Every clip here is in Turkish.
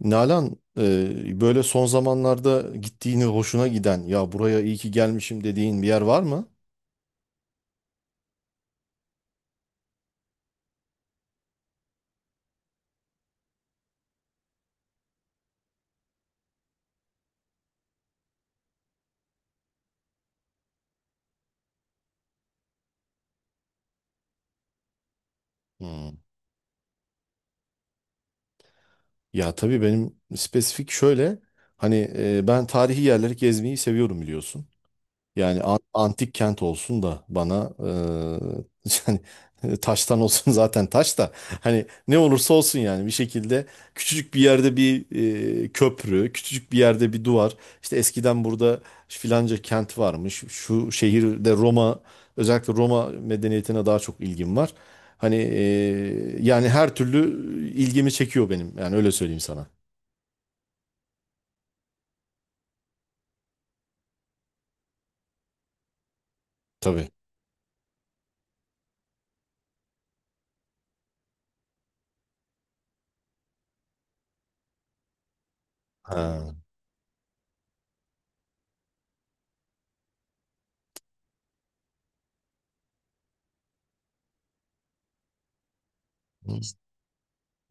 Nalan, böyle son zamanlarda gittiğini hoşuna giden ya buraya iyi ki gelmişim dediğin bir yer var mı? Hmm. Ya tabii benim spesifik şöyle, ben tarihi yerleri gezmeyi seviyorum biliyorsun. Yani antik kent olsun da bana, yani taştan olsun, zaten taş da hani ne olursa olsun, yani bir şekilde küçücük bir yerde bir, köprü, küçücük bir yerde bir duvar. İşte eskiden burada filanca kent varmış. Şu şehirde Roma, özellikle Roma medeniyetine daha çok ilgim var. Yani her türlü ilgimi çekiyor benim. Yani öyle söyleyeyim sana. Tabii. Ha.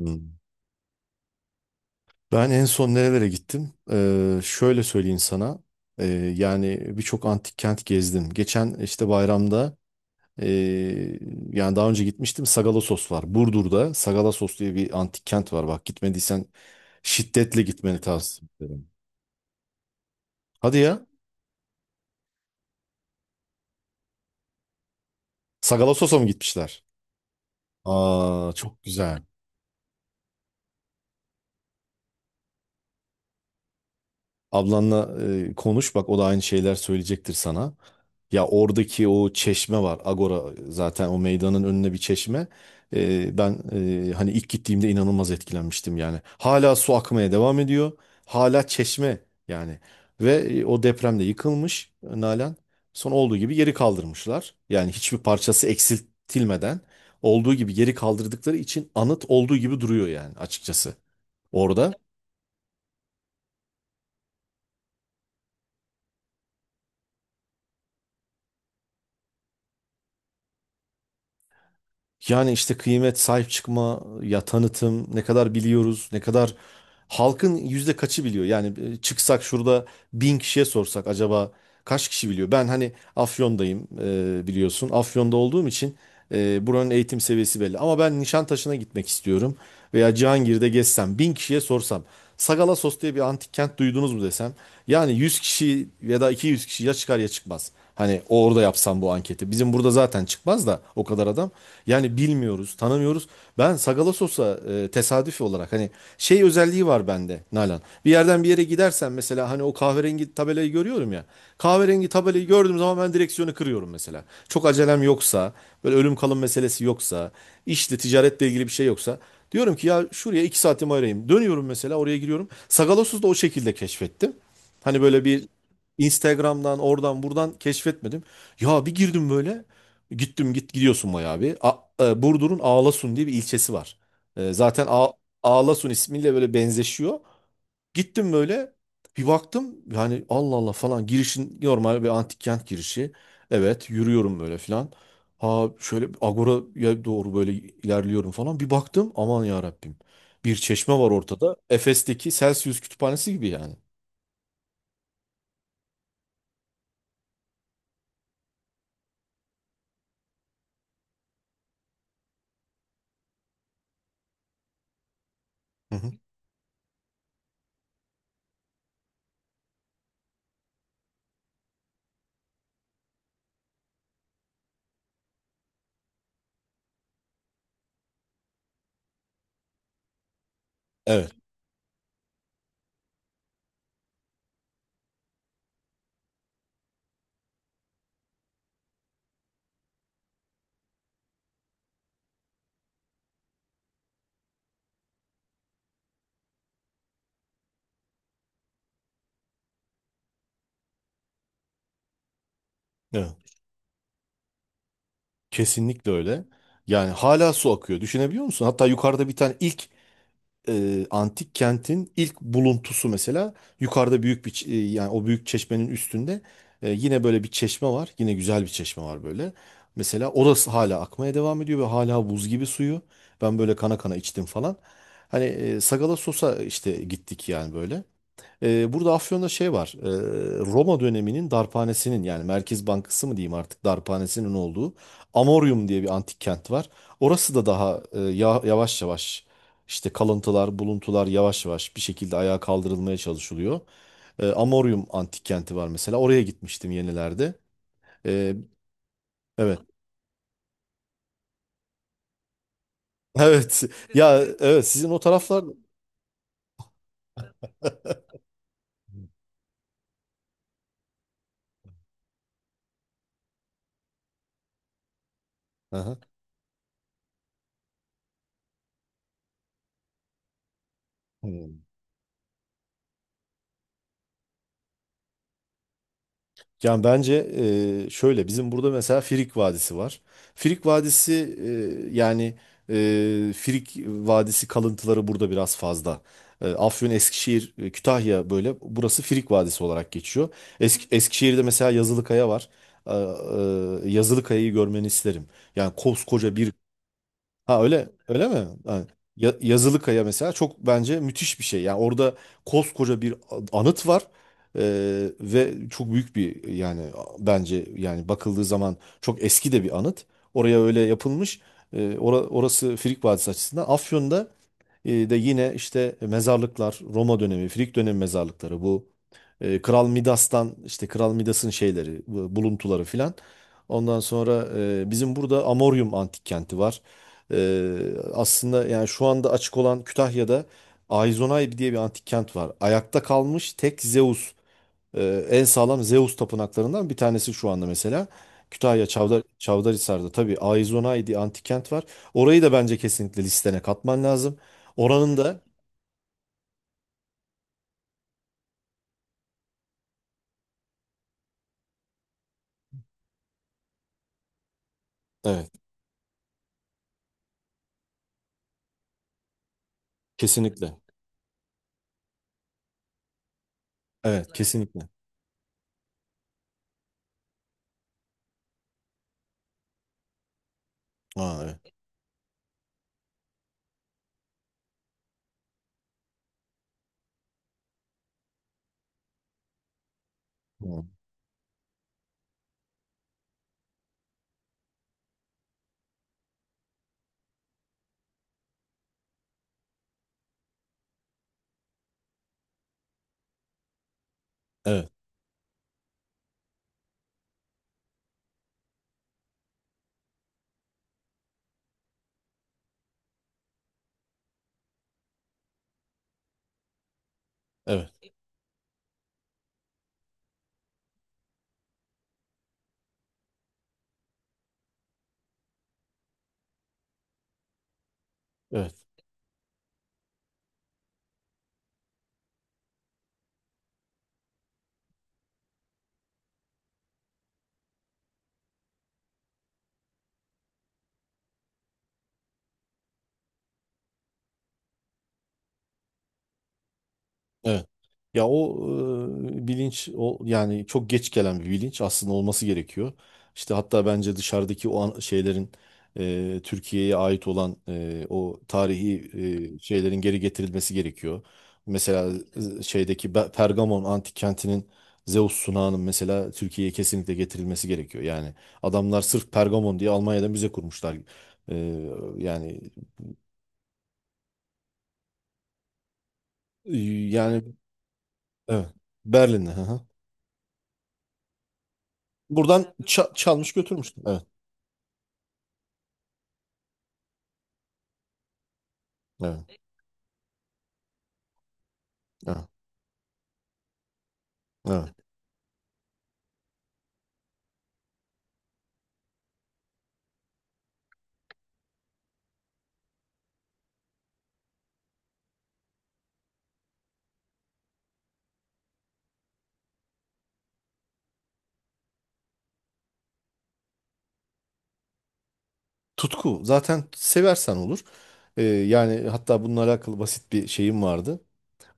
Hı. Ben en son nerelere gittim? Şöyle söyleyeyim sana. Ee, Yani birçok antik kent gezdim. Geçen işte bayramda, ee, yani daha önce gitmiştim. Sagalassos var. Burdur'da Sagalassos diye bir antik kent var. Bak gitmediysen şiddetle gitmeni tavsiye ederim. Hadi ya. Sagalassos'a mı gitmişler? Aa, çok güzel. Ablanla konuş bak, o da aynı şeyler söyleyecektir sana. Ya oradaki o çeşme var. Agora, zaten o meydanın önüne bir çeşme. Ben, hani ilk gittiğimde inanılmaz etkilenmiştim yani. Hala su akmaya devam ediyor. Hala çeşme yani. Ve o depremde yıkılmış Nalan. Son olduğu gibi geri kaldırmışlar. Yani hiçbir parçası eksiltilmeden olduğu gibi geri kaldırdıkları için anıt olduğu gibi duruyor yani, açıkçası orada. Yani işte kıymet, sahip çıkma, ya tanıtım, ne kadar biliyoruz, ne kadar halkın yüzde kaçı biliyor? Yani çıksak şurada bin kişiye sorsak, acaba kaç kişi biliyor? Ben hani Afyon'dayım, biliyorsun. Afyon'da olduğum için buranın eğitim seviyesi belli. Ama ben Nişantaşı'na gitmek istiyorum veya Cihangir'de gezsem, bin kişiye sorsam. Sagalassos diye bir antik kent duydunuz mu desem. Yani 100 kişi ya da 200 kişi ya çıkar ya çıkmaz. Hani orada yapsam bu anketi. Bizim burada zaten çıkmaz da o kadar adam. Yani bilmiyoruz, tanımıyoruz. Ben Sagalassos'a tesadüfi olarak, hani şey özelliği var bende Nalan. Bir yerden bir yere gidersen mesela, hani o kahverengi tabelayı görüyorum ya. Kahverengi tabelayı gördüğüm zaman ben direksiyonu kırıyorum mesela. Çok acelem yoksa, böyle ölüm kalım meselesi yoksa, işle ticaretle ilgili bir şey yoksa, diyorum ki ya şuraya 2 saatimi ayırayım. Dönüyorum mesela, oraya giriyorum. Sagalassos'u da o şekilde keşfettim. Hani böyle bir Instagram'dan, oradan buradan keşfetmedim. Ya bir girdim böyle. Gittim, git gidiyorsun bayağı bir. Burdur'un Ağlasun diye bir ilçesi var. Zaten Ağlasun ismiyle böyle benzeşiyor. Gittim böyle, bir baktım yani Allah Allah falan, girişin normal bir antik kent girişi. Evet, yürüyorum böyle filan. Ha, şöyle Agora'ya doğru böyle ilerliyorum falan. Bir baktım, aman ya Rabbim. Bir çeşme var ortada. Efes'teki Celsius kütüphanesi gibi yani. Hı hı. Evet. Evet, kesinlikle öyle. Yani hala su akıyor. Düşünebiliyor musun? Hatta yukarıda bir tane ilk, antik kentin ilk buluntusu mesela, yukarıda büyük bir yani o büyük çeşmenin üstünde yine böyle bir çeşme var. Yine güzel bir çeşme var böyle. Mesela orası hala akmaya devam ediyor ve hala buz gibi suyu. Ben böyle kana kana içtim falan. Sagala Sos'a işte gittik yani böyle. Burada Afyon'da şey var. Roma döneminin darphanesinin, yani Merkez Bankası mı diyeyim artık, darphanesinin olduğu Amorium diye bir antik kent var. Orası da daha yavaş yavaş işte kalıntılar, buluntular yavaş yavaş bir şekilde ayağa kaldırılmaya çalışılıyor. Amorium antik kenti var mesela. Oraya gitmiştim yenilerde. Ee, evet. Evet. Ya evet, sizin o taraflar. Aha. Yani bence, şöyle bizim burada mesela Frig Vadisi var. Frig Vadisi, e, yani e, Frig Vadisi kalıntıları burada biraz fazla. Afyon, Eskişehir, Kütahya, böyle burası Frig Vadisi olarak geçiyor. Eskişehir'de mesela Yazılıkaya var. E, Yazılıkaya'yı görmeni isterim. Yani koskoca bir. Ha, öyle öyle mi? Ha, Yazılı Kaya mesela çok bence müthiş bir şey. Yani orada koskoca bir anıt var. Ve çok büyük bir, yani bence yani bakıldığı zaman çok eski de bir anıt. Oraya öyle yapılmış. Orası Frig Vadisi açısından. Afyon'da de yine işte mezarlıklar, Roma dönemi, Frig dönemi mezarlıkları bu. Kral Midas'tan, işte Kral Midas'ın şeyleri, buluntuları filan. Ondan sonra bizim burada Amorium antik kenti var. E, aslında yani şu anda açık olan Kütahya'da Ayzonay diye bir antik kent var. Ayakta kalmış tek Zeus, en sağlam Zeus tapınaklarından bir tanesi şu anda mesela. Kütahya Çavdar, Çavdarhisar'da tabii Aizonay diye antik kent var. Orayı da bence kesinlikle listene katman lazım. Oranın da evet, kesinlikle. Evet, kesinlikle. Aa, evet. Hı. Evet. Evet. Evet. Evet. Ya o, bilinç o, yani çok geç gelen bir bilinç, aslında olması gerekiyor. İşte hatta bence dışarıdaki o şeylerin, Türkiye'ye ait olan, o tarihi, şeylerin geri getirilmesi gerekiyor. Mesela şeydeki Pergamon antik kentinin Zeus sunağının mesela Türkiye'ye kesinlikle getirilmesi gerekiyor. Yani adamlar sırf Pergamon diye Almanya'da müze kurmuşlar. E, yani yani evet, Berlin'de. Hı hı. Buradan çalmış götürmüştüm. Evet, evet, evet, evet. Tutku zaten seversen olur. Yani hatta bununla alakalı basit bir şeyim vardı.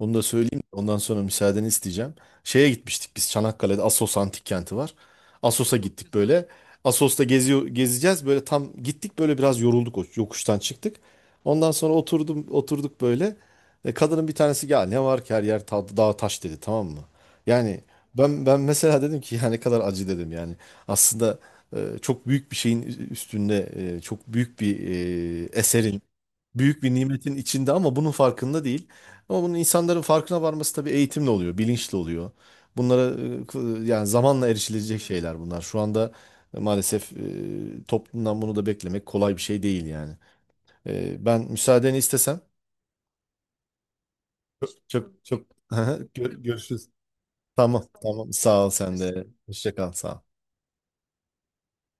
Bunu da söyleyeyim. Ondan sonra müsaadeni isteyeceğim. Şeye gitmiştik, biz Çanakkale'de Assos Antik Kenti var. Assos'a gittik böyle. Assos'ta geziyor, gezeceğiz. Böyle tam gittik, böyle biraz yorulduk, o yokuştan çıktık. Ondan sonra oturduk böyle. Kadının bir tanesi ya ne var ki, her yer dağ taş dedi, tamam mı? Yani ben mesela dedim ki ya ne kadar acı dedim yani. Aslında çok büyük bir şeyin üstünde, çok büyük bir, eserin, büyük bir nimetin içinde ama bunun farkında değil. Ama bunun insanların farkına varması tabii eğitimle oluyor, bilinçli oluyor. Bunlara yani zamanla erişilecek şeyler bunlar. Şu anda maalesef toplumdan bunu da beklemek kolay bir şey değil yani. Ben müsaadeni istesem çok çok, Hı, görüşürüz. Tamam, tamam. Sağ ol sen de. Hoşça kal. Sağ ol.